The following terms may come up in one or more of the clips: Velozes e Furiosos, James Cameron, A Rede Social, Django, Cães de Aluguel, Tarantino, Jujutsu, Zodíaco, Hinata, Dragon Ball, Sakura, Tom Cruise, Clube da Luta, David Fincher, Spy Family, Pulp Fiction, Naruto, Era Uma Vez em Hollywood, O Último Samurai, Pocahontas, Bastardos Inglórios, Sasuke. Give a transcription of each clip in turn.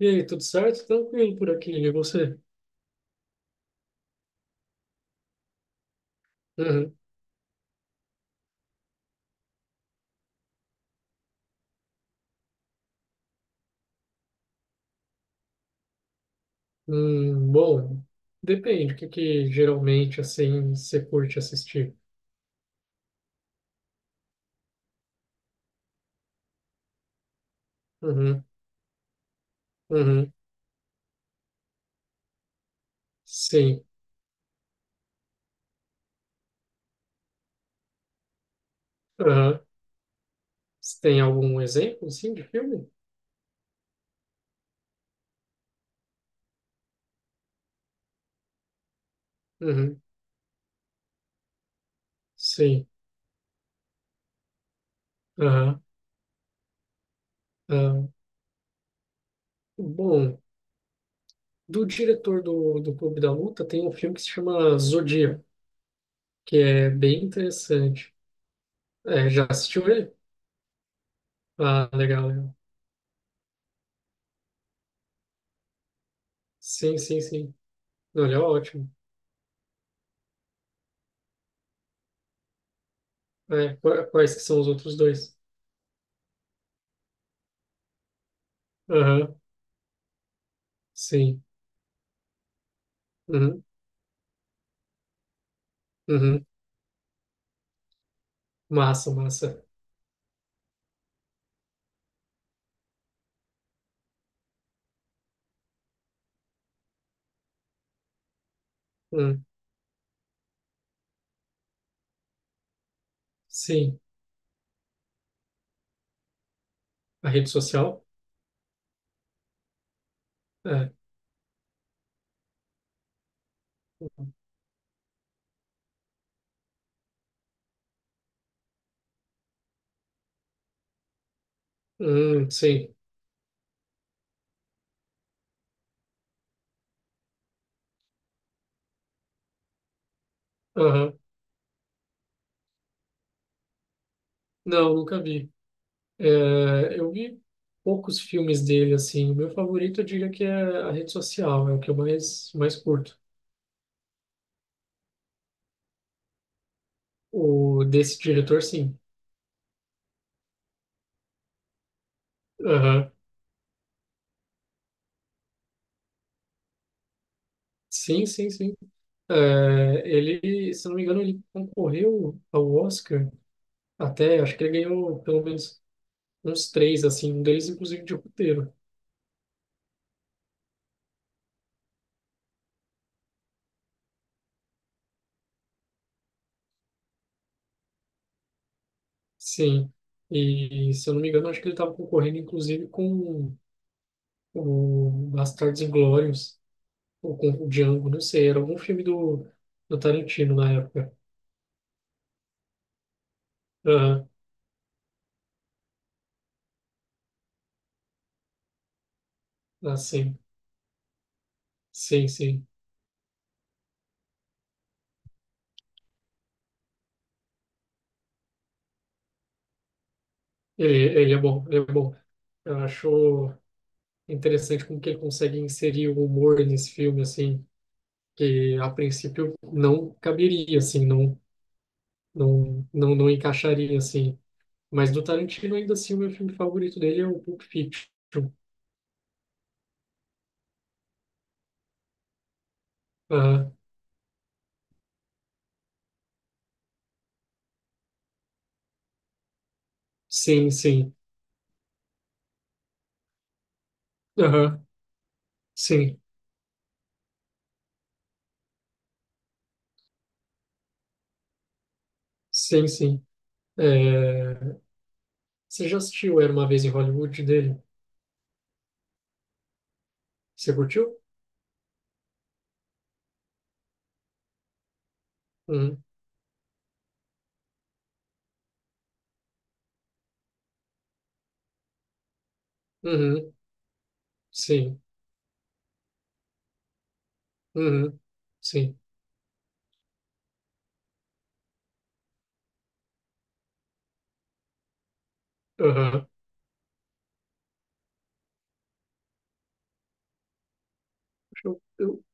E aí, tudo certo? Tranquilo por aqui, e você? Uhum. Bom, depende, o que que geralmente, assim, você curte assistir? Uhum, uhum, sim, aham. Você tem algum exemplo, assim, de filme? Uhum, sim, aham, aham. Bom, do diretor do Clube da Luta tem um filme que se chama Zodíaco, que é bem interessante. É, já assistiu ele? Ah, legal, legal. Sim, sim, sim. Não, ele é ótimo. É, quais que são os outros dois? Aham, sim. Uhum, uhum. Massa, massa. Hum, sim. A rede social? É. Sim. Aham. Não, nunca vi. É, eu vi poucos filmes dele, assim. O meu favorito, eu diria que é a rede social. É o que eu mais curto. O desse diretor, sim. Aham. Sim, sim, sim. É, ele, se não me engano, ele concorreu ao Oscar até, acho que ele ganhou pelo menos uns três, assim, um deles inclusive de roteiro. Sim, e se eu não me engano, acho que ele estava concorrendo inclusive com o Bastardos Inglórios, ou com o Django, não sei, era algum filme do Tarantino na época. Aham, ah, sim, sim, sim. Ele é bom, ele é bom. Eu acho interessante como que ele consegue inserir o humor nesse filme, assim, que a princípio não caberia, assim, não encaixaria, assim. Mas do Tarantino, ainda assim, o meu filme favorito dele é o Pulp Fiction. Sim, sim. Aham, sim, sim, sim. É, você já assistiu Era Uma Vez em Hollywood dele? Você curtiu? Uhum. Uhum. Sim. Uhum. Sim. Aham. Eu, eu...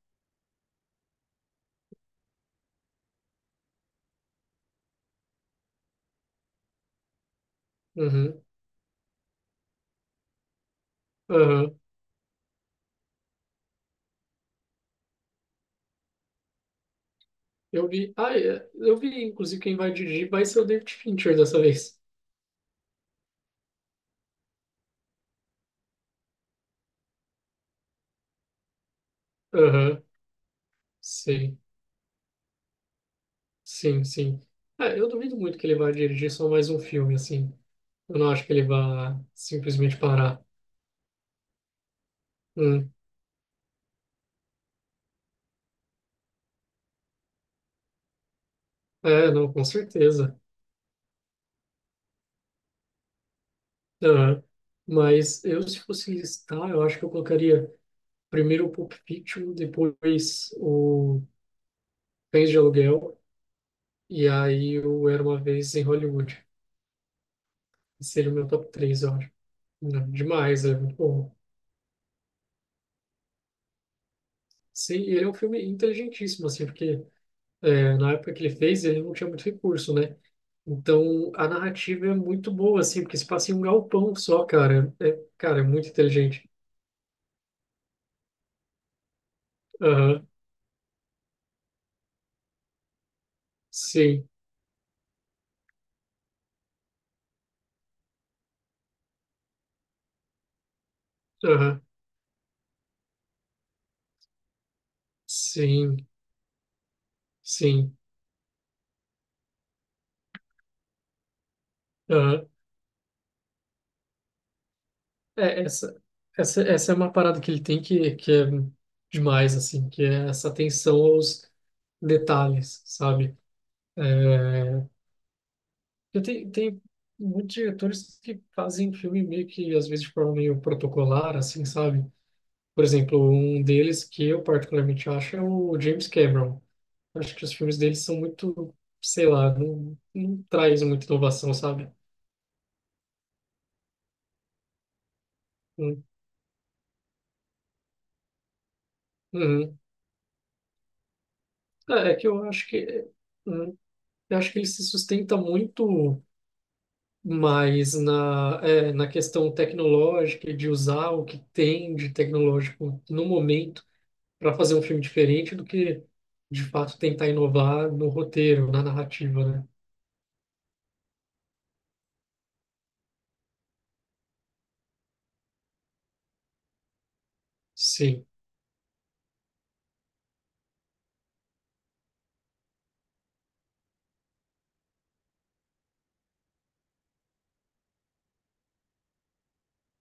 Uhum. Aham. Eu vi. Ah, é, eu vi, inclusive, quem vai dirigir vai ser o David Fincher dessa vez. Aham. Sim. Sim, sim. É, eu duvido muito que ele vai dirigir só mais um filme, assim. Eu não acho que ele vá simplesmente parar. Hum. É, não, com certeza. Aham. Mas eu, se fosse listar, eu acho que eu colocaria primeiro o Pulp Fiction, depois o Cães de Aluguel, e aí o Era Uma Vez em Hollywood. Esse seria o meu top 3, eu acho. Não, demais, é muito bom. Sim, e ele é um filme inteligentíssimo, assim, porque na época que ele fez, ele não tinha muito recurso, né? Então, a narrativa é muito boa, assim, porque se passa em um galpão só, cara. É, cara, é muito inteligente. Aham, sim, aham, sim, sim. Aham. É, essa é uma parada que ele tem que é demais, assim, que é essa atenção aos detalhes, sabe? É, eu tenho tem muitos diretores que fazem filme meio que, às vezes, de forma meio protocolar, assim, sabe? Por exemplo, um deles que eu particularmente acho é o James Cameron. Acho que os filmes dele são muito, sei lá, não traz muita inovação, sabe? Hum, uhum. É, é que eu acho que... hum, Eu acho que ele se sustenta muito mais na, na questão tecnológica e de usar o que tem de tecnológico no momento para fazer um filme diferente do que, de fato, tentar inovar no roteiro, na narrativa, né? Sim.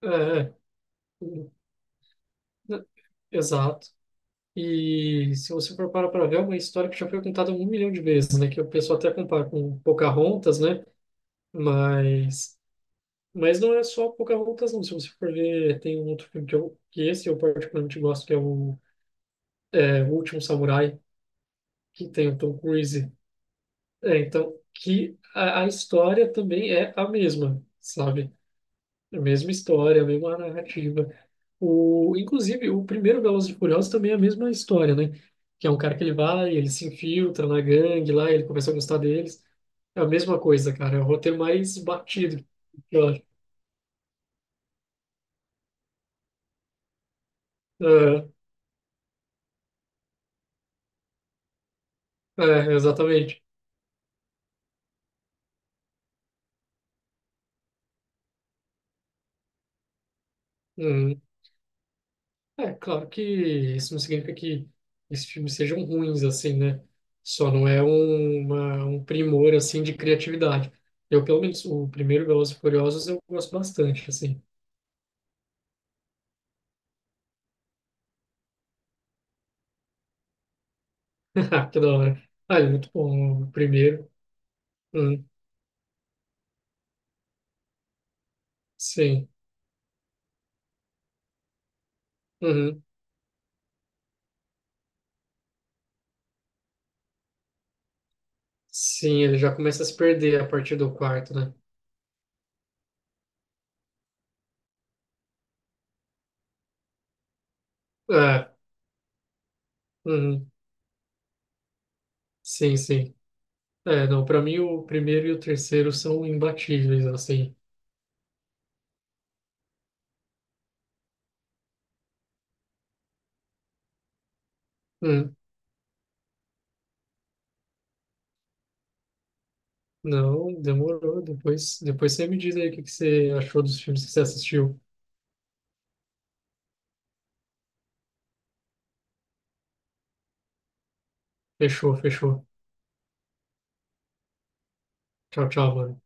É, é. É, exato. E se você for parar para ver, é uma história que já foi contada um milhão de vezes, né? Que o pessoal até compara com Pocahontas, né? Mas Mas não é só Pocahontas, não. Se você for ver, tem um outro filme que esse eu particularmente gosto, que é O Último Samurai, que tem o Tom Cruise. É, então, que a história também é a mesma, sabe? A mesma história, a mesma narrativa. Inclusive, o primeiro Velozes e Furiosos também é a mesma história, né? Que é um cara que ele se infiltra na gangue lá, ele começa a gostar deles. É a mesma coisa, cara. É o roteiro mais batido, eu acho. É, é, exatamente. Uhum. É, claro que isso não significa que esses filmes sejam ruins, assim, né? Só não é um primor, assim, de criatividade. Eu, pelo menos, o primeiro Velozes e Furiosos eu gosto bastante, assim. Ah, que da hora. Ah, ele é muito bom, o primeiro. Hum, sim. Uhum. Sim, ele já começa a se perder a partir do quarto, né? É, uhum. Sim, sim. É, não, pra mim o primeiro e o terceiro são imbatíveis, assim. Hum. Não, demorou. Depois você me diz aí o que que você achou dos filmes que você assistiu. Fechou, fechou. Tchau, tchau, mano.